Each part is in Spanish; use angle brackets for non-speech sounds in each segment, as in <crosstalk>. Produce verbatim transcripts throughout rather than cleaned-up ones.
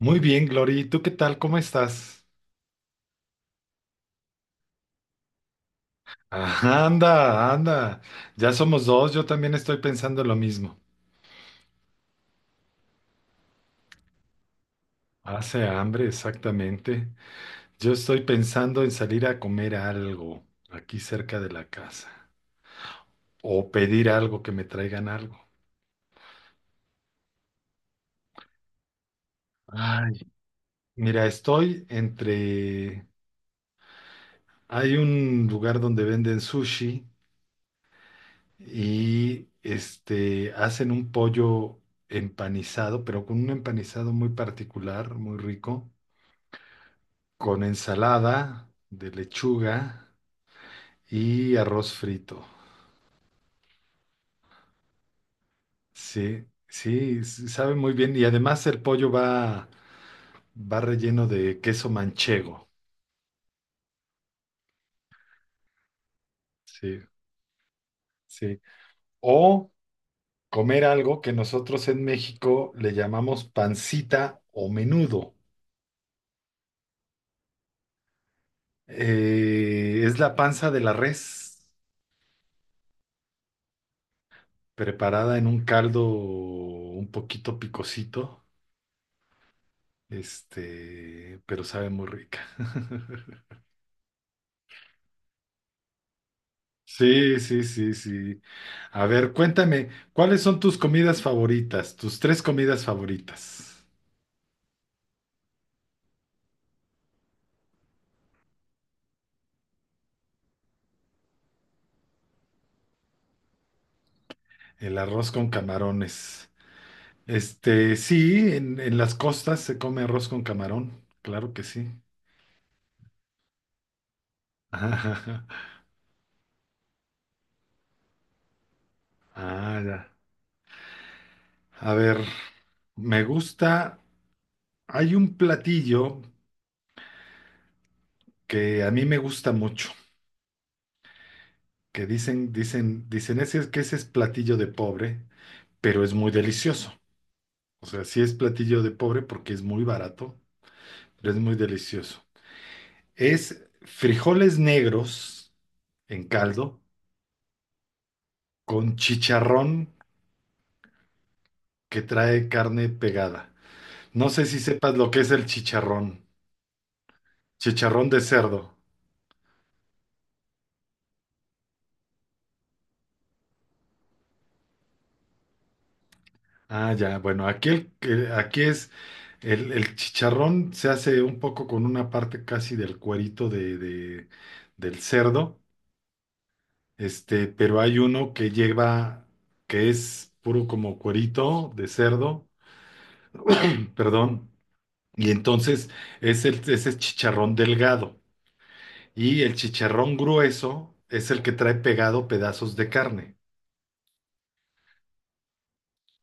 Muy bien, Glory. ¿Tú qué tal? ¿Cómo estás? Ah, anda, anda. Ya somos dos. Yo también estoy pensando lo mismo. Hace hambre, exactamente. Yo estoy pensando en salir a comer algo aquí cerca de la casa o pedir algo que me traigan algo. Ay, mira, estoy entre... Hay un lugar donde venden sushi y este, hacen un pollo empanizado, pero con un empanizado muy particular, muy rico. Con ensalada de lechuga y arroz frito. Sí, sí, s- sabe muy bien. Y además el pollo va, va relleno de queso manchego. Sí, sí. O comer algo que nosotros en México le llamamos pancita o menudo. Eh, es la panza de la res preparada en un caldo un poquito picosito, este, pero sabe muy rica. <laughs> Sí, sí, sí, sí. A ver, cuéntame, ¿cuáles son tus comidas favoritas? Tus tres comidas favoritas. El arroz con camarones. Este, sí, en, en las costas se come arroz con camarón, claro que sí. <laughs> Ah, ya. A ver, me gusta, hay un platillo que a mí me gusta mucho, que dicen, dicen, dicen ese, que ese es platillo de pobre, pero es muy delicioso. O sea, sí es platillo de pobre porque es muy barato, pero es muy delicioso. Es frijoles negros en caldo con chicharrón que trae carne pegada. No sé si sepas lo que es el chicharrón. Chicharrón de cerdo. Ah, ya, bueno, aquí, el, que- aquí es el, el chicharrón se hace un poco con una parte casi del cuerito de, de- del cerdo, este, pero hay uno que lleva, que es puro como cuerito de cerdo perdón, y entonces es el, es el chicharrón delgado. Y el chicharrón grueso es el que trae pegado pedazos de carne.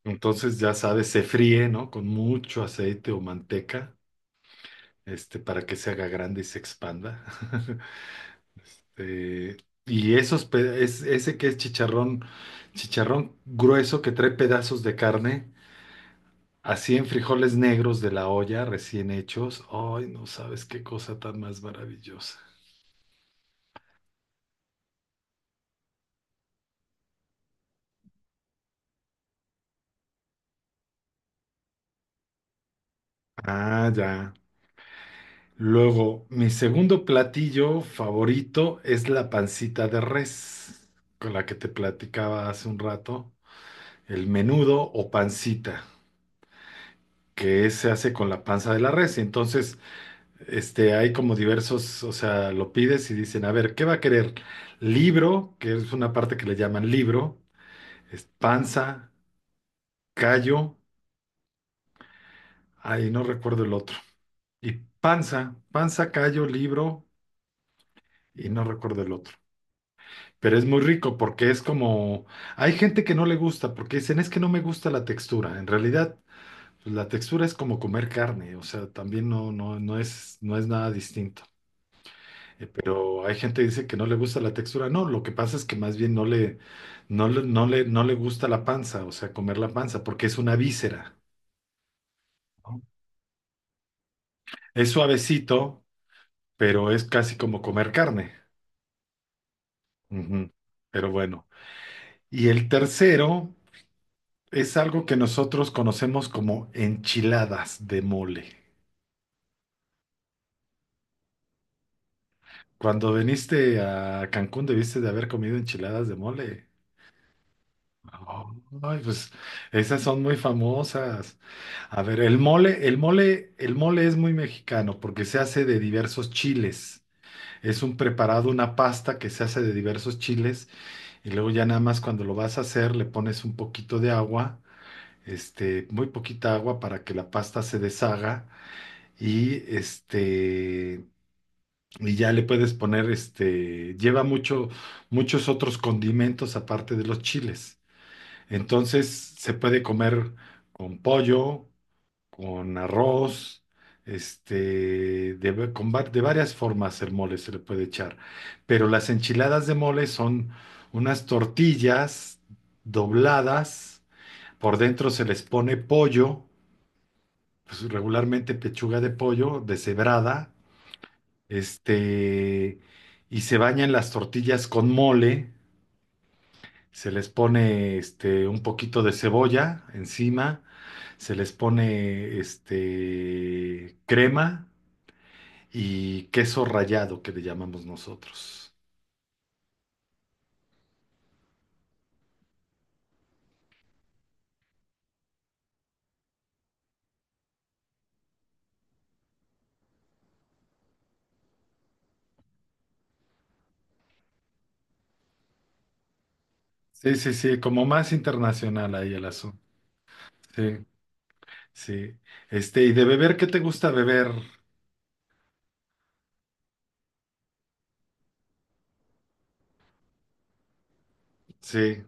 Entonces, ya sabes, se fríe, ¿no? Con mucho aceite o manteca, este, para que se haga grande y se expanda. <laughs> Eh, y esos, pe- es, ese que es chicharrón, chicharrón grueso que trae pedazos de carne, así en frijoles negros de la olla, recién hechos. Ay, no sabes qué cosa tan más maravillosa. Ah, ya. Luego, mi segundo platillo favorito es la pancita de res, con la que te platicaba hace un rato, el menudo o pancita, que se hace con la panza de la res. Y entonces, este, hay como diversos, o sea, lo pides y dicen, a ver, ¿qué va a querer? Libro, que es una parte que le llaman libro, es panza, callo, ahí no recuerdo el otro. Y panza, panza, callo, libro, y no recuerdo el otro. Pero es muy rico porque es como, hay gente que no le gusta porque dicen es que no me gusta la textura. En realidad, pues, la textura es como comer carne, o sea, también no, no, no es, no es nada distinto. Eh, Pero hay gente que dice que no le gusta la textura. No, lo que pasa es que más bien no le, no le, no le, no le gusta la panza, o sea, comer la panza, porque es una víscera. ¿No? Es suavecito, pero es casi como comer carne. Ujú. Pero bueno. Y el tercero. Es algo que nosotros conocemos como enchiladas de mole. Cuando viniste a Cancún debiste de haber comido enchiladas de mole. Oh, ay, pues esas son muy famosas. A ver, el mole, el mole, el mole es muy mexicano porque se hace de diversos chiles. Es un preparado, una pasta que se hace de diversos chiles y luego ya nada más cuando lo vas a hacer le pones un poquito de agua, este, muy poquita agua para que la pasta se deshaga. Y este, y ya le puedes poner este, lleva mucho, muchos otros condimentos aparte de los chiles. Entonces se puede comer con pollo, con arroz, este, de, va- con va- de varias formas el mole se le puede echar. Pero las enchiladas de mole son unas tortillas dobladas, por dentro se les pone pollo, pues regularmente pechuga de pollo deshebrada, este, y se bañan las tortillas con mole, se les pone este, un poquito de cebolla encima, se les pone este, crema y queso rallado que le llamamos nosotros. Sí, sí, sí, como más internacional ahí el asunto. Sí, sí. Este, y de beber, ¿qué te gusta beber? Sí.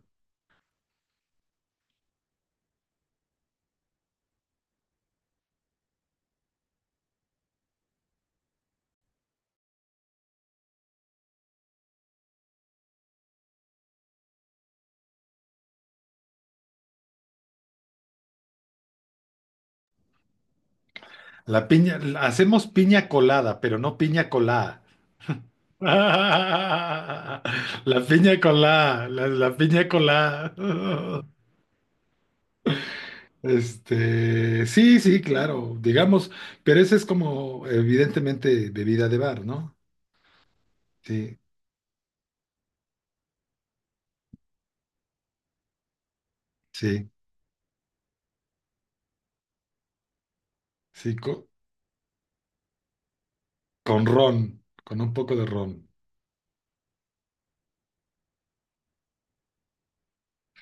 La piña, hacemos piña colada, pero no piña colada. <laughs> La piña colada, la, la piña colada. <laughs> Este, sí, sí, claro, digamos, pero ese es como evidentemente bebida de bar, ¿no? Sí, sí, sí, co- con, ron, con un poco de ron,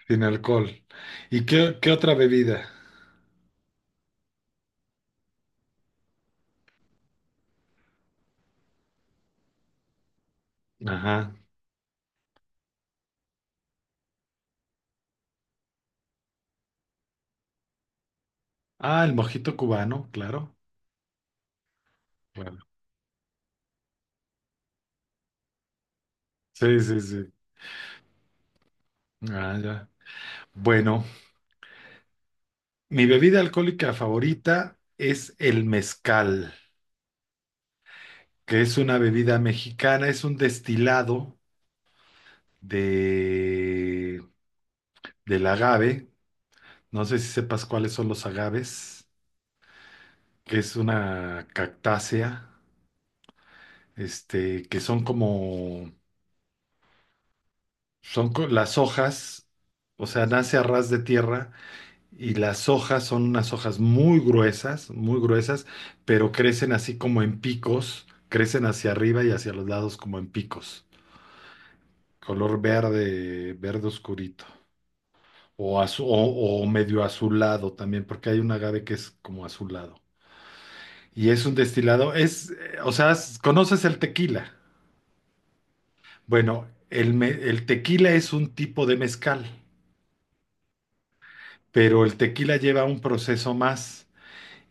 sin alcohol. ¿Y qué, qué otra bebida? Ajá. Ah, el mojito cubano, claro, claro. Sí, sí, sí. Ah, ya. Bueno, mi bebida alcohólica favorita es el mezcal, que es una bebida mexicana, es un destilado de, del agave. No sé si sepas cuáles son los agaves, que es una cactácea, este, que son como, son co- las hojas, o sea, nace a ras de tierra y las hojas son unas hojas muy gruesas, muy gruesas, pero crecen así como en picos, crecen hacia arriba y hacia los lados como en picos, color verde, verde oscurito. O, azu- o, o medio azulado también, porque hay un agave que es como azulado. Y es un destilado, es, eh, o sea, s- ¿conoces el tequila? Bueno, el, me- el tequila es un tipo de mezcal, pero el tequila lleva un proceso más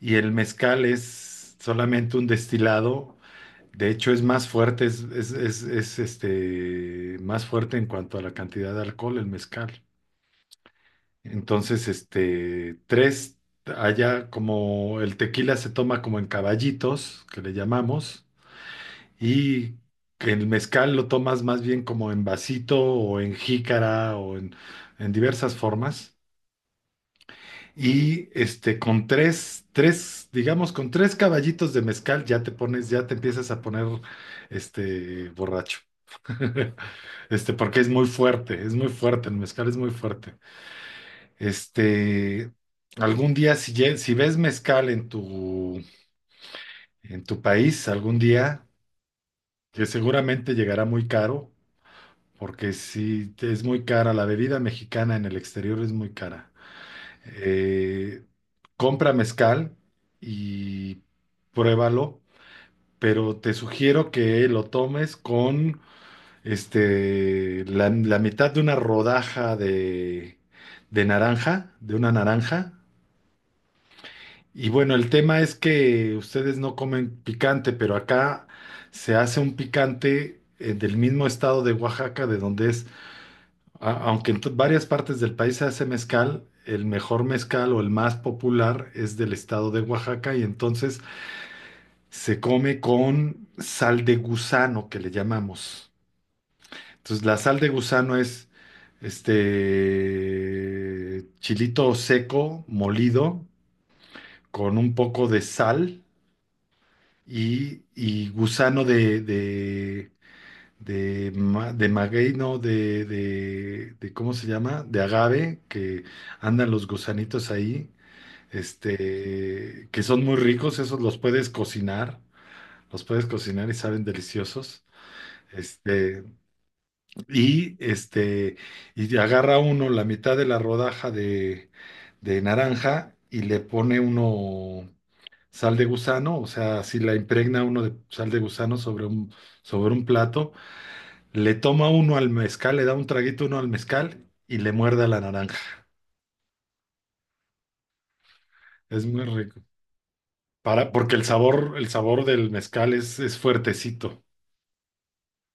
y el mezcal es solamente un destilado. De hecho, es más fuerte, es, es, es, es, este, más fuerte en cuanto a la cantidad de alcohol, el mezcal. Entonces, este, tres, allá como el tequila se toma como en caballitos, que le llamamos, y que el mezcal lo tomas más bien como en vasito o en jícara o en, en diversas formas. Y este, con tres, tres, digamos, con tres caballitos de mezcal ya te pones, ya te empiezas a poner, este, borracho. <laughs> Este, porque es muy fuerte, es muy fuerte, el mezcal es muy fuerte. Este, Algún día, si, lle- si ves mezcal en tu, en tu país, algún día, que seguramente llegará muy caro, porque si es muy cara, la bebida mexicana en el exterior es muy cara. Eh, Compra mezcal y pruébalo, pero te sugiero que lo tomes con este, la, la mitad de una rodaja de, de naranja, de una naranja. Y bueno, el tema es que ustedes no comen picante, pero acá se hace un picante eh, del mismo estado de Oaxaca, de donde es, a- aunque en to- varias partes del país se hace mezcal, el mejor mezcal o el más popular es del estado de Oaxaca y entonces se come con sal de gusano, que le llamamos. Entonces la sal de gusano es este chilito seco, molido, con un poco de sal y, y gusano de, de, de, ma- de maguey, no, de, de, de, ¿cómo se llama? De agave, que andan los gusanitos ahí, este, que son muy ricos, esos los puedes cocinar, los puedes cocinar y saben deliciosos. Este, y este, y agarra uno la mitad de la rodaja de, de naranja y le pone uno sal de gusano, o sea, si la impregna uno de sal de gusano sobre un, sobre un plato, le toma uno al mezcal, le da un traguito uno al mezcal y le muerde a la naranja. Es muy rico. Para, porque el sabor, el sabor del mezcal es, es fuertecito,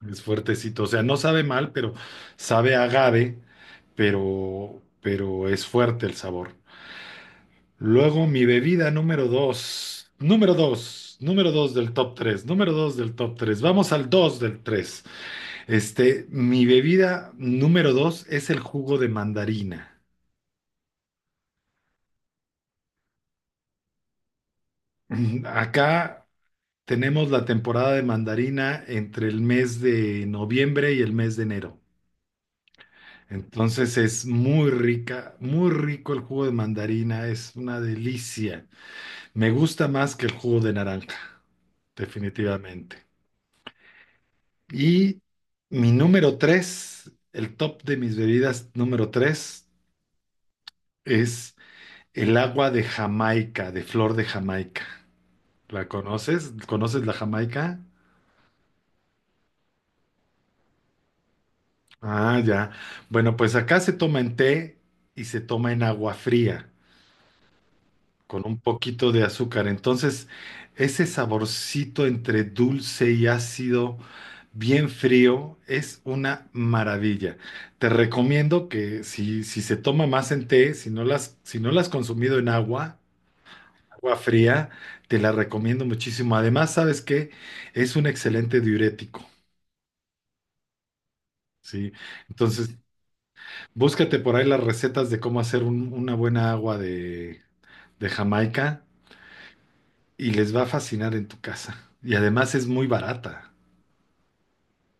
es fuertecito. O sea, no sabe mal, pero sabe a agave, pero, pero es fuerte el sabor. Luego, mi bebida número dos, número dos, número dos del top tres, número dos del top tres. Vamos al dos del tres. Este, mi bebida número dos es el jugo de mandarina. Mm, acá tenemos la temporada de mandarina entre el mes de noviembre y el mes de enero. Entonces es muy rica, muy rico el jugo de mandarina, es una delicia. Me gusta más que el jugo de naranja, definitivamente. Y mi número tres, el top de mis bebidas número tres es el agua de Jamaica, de flor de Jamaica. ¿La conoces? ¿Conoces la Jamaica? Ah, ya. Bueno, pues acá se toma en té y se toma en agua fría, con un poquito de azúcar. Entonces, ese saborcito entre dulce y ácido, bien frío, es una maravilla. Te recomiendo que si, si se toma más en té, si no las, si no la has consumido en agua, agua fría, te la recomiendo muchísimo. Además, ¿sabes qué? Es un excelente diurético. Sí, entonces búscate por ahí las recetas de cómo hacer un- una buena agua de, de Jamaica y les va a fascinar en tu casa. Y además es muy barata,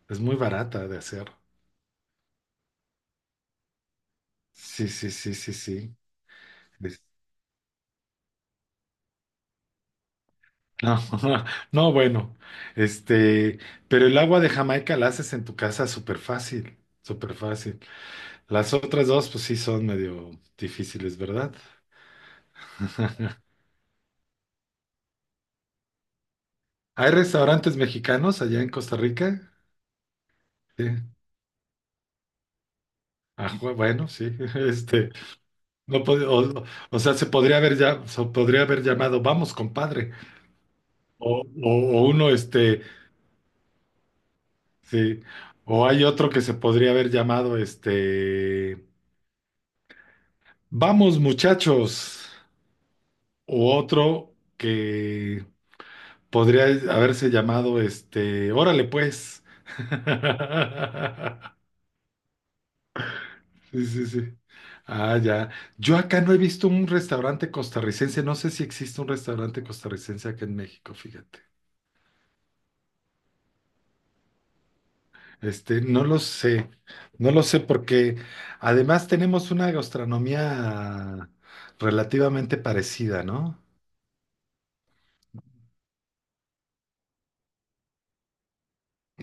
es muy barata de hacer. Sí, sí, sí, sí, sí. Es- No, <laughs> no, bueno, este, pero el agua de Jamaica la haces en tu casa súper fácil, súper fácil. Las otras dos, pues sí, son medio difíciles, ¿verdad? ¿Hay restaurantes mexicanos allá en Costa Rica? Sí. Ah, ju- bueno, sí, <laughs> este. No pod- o, o sea, se podría haber ya, se podría haber llamado, vamos, compadre. O, o- o uno, este, sí, o hay otro que se podría haber llamado, este, vamos, muchachos. O otro que podría haberse llamado, este, órale, pues. <laughs> Sí, sí, sí. Ah, ya. Yo acá no he visto un restaurante costarricense. No sé si existe un restaurante costarricense acá en México, fíjate. Este, no lo sé, no lo sé porque además tenemos una gastronomía relativamente parecida, ¿no?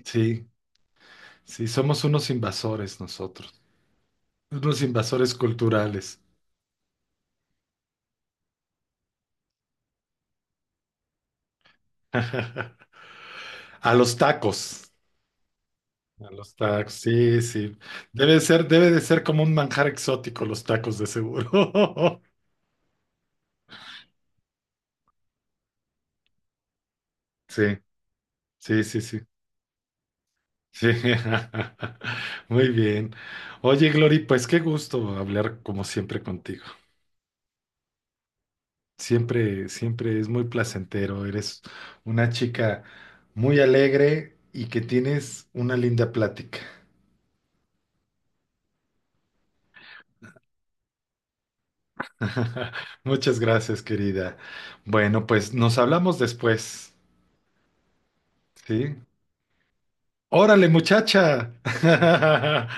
Sí, sí, somos unos invasores nosotros, unos invasores culturales. <laughs> A los tacos, a los tacos, sí, sí. Debe ser, debe de ser como un manjar exótico los tacos de seguro. <laughs> Sí, sí, sí, sí. Sí. <laughs> Muy bien. Oye, Glory, pues qué gusto hablar como siempre contigo. Siempre, siempre es muy placentero. Eres una chica muy alegre y que tienes una linda plática. <laughs> Muchas gracias, querida. Bueno, pues nos hablamos después, ¿sí? Órale, muchacha. <laughs>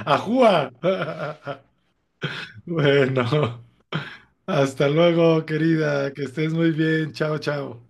Ajúa. <laughs> Bueno, hasta luego, querida. Que estés muy bien. Chao, chao.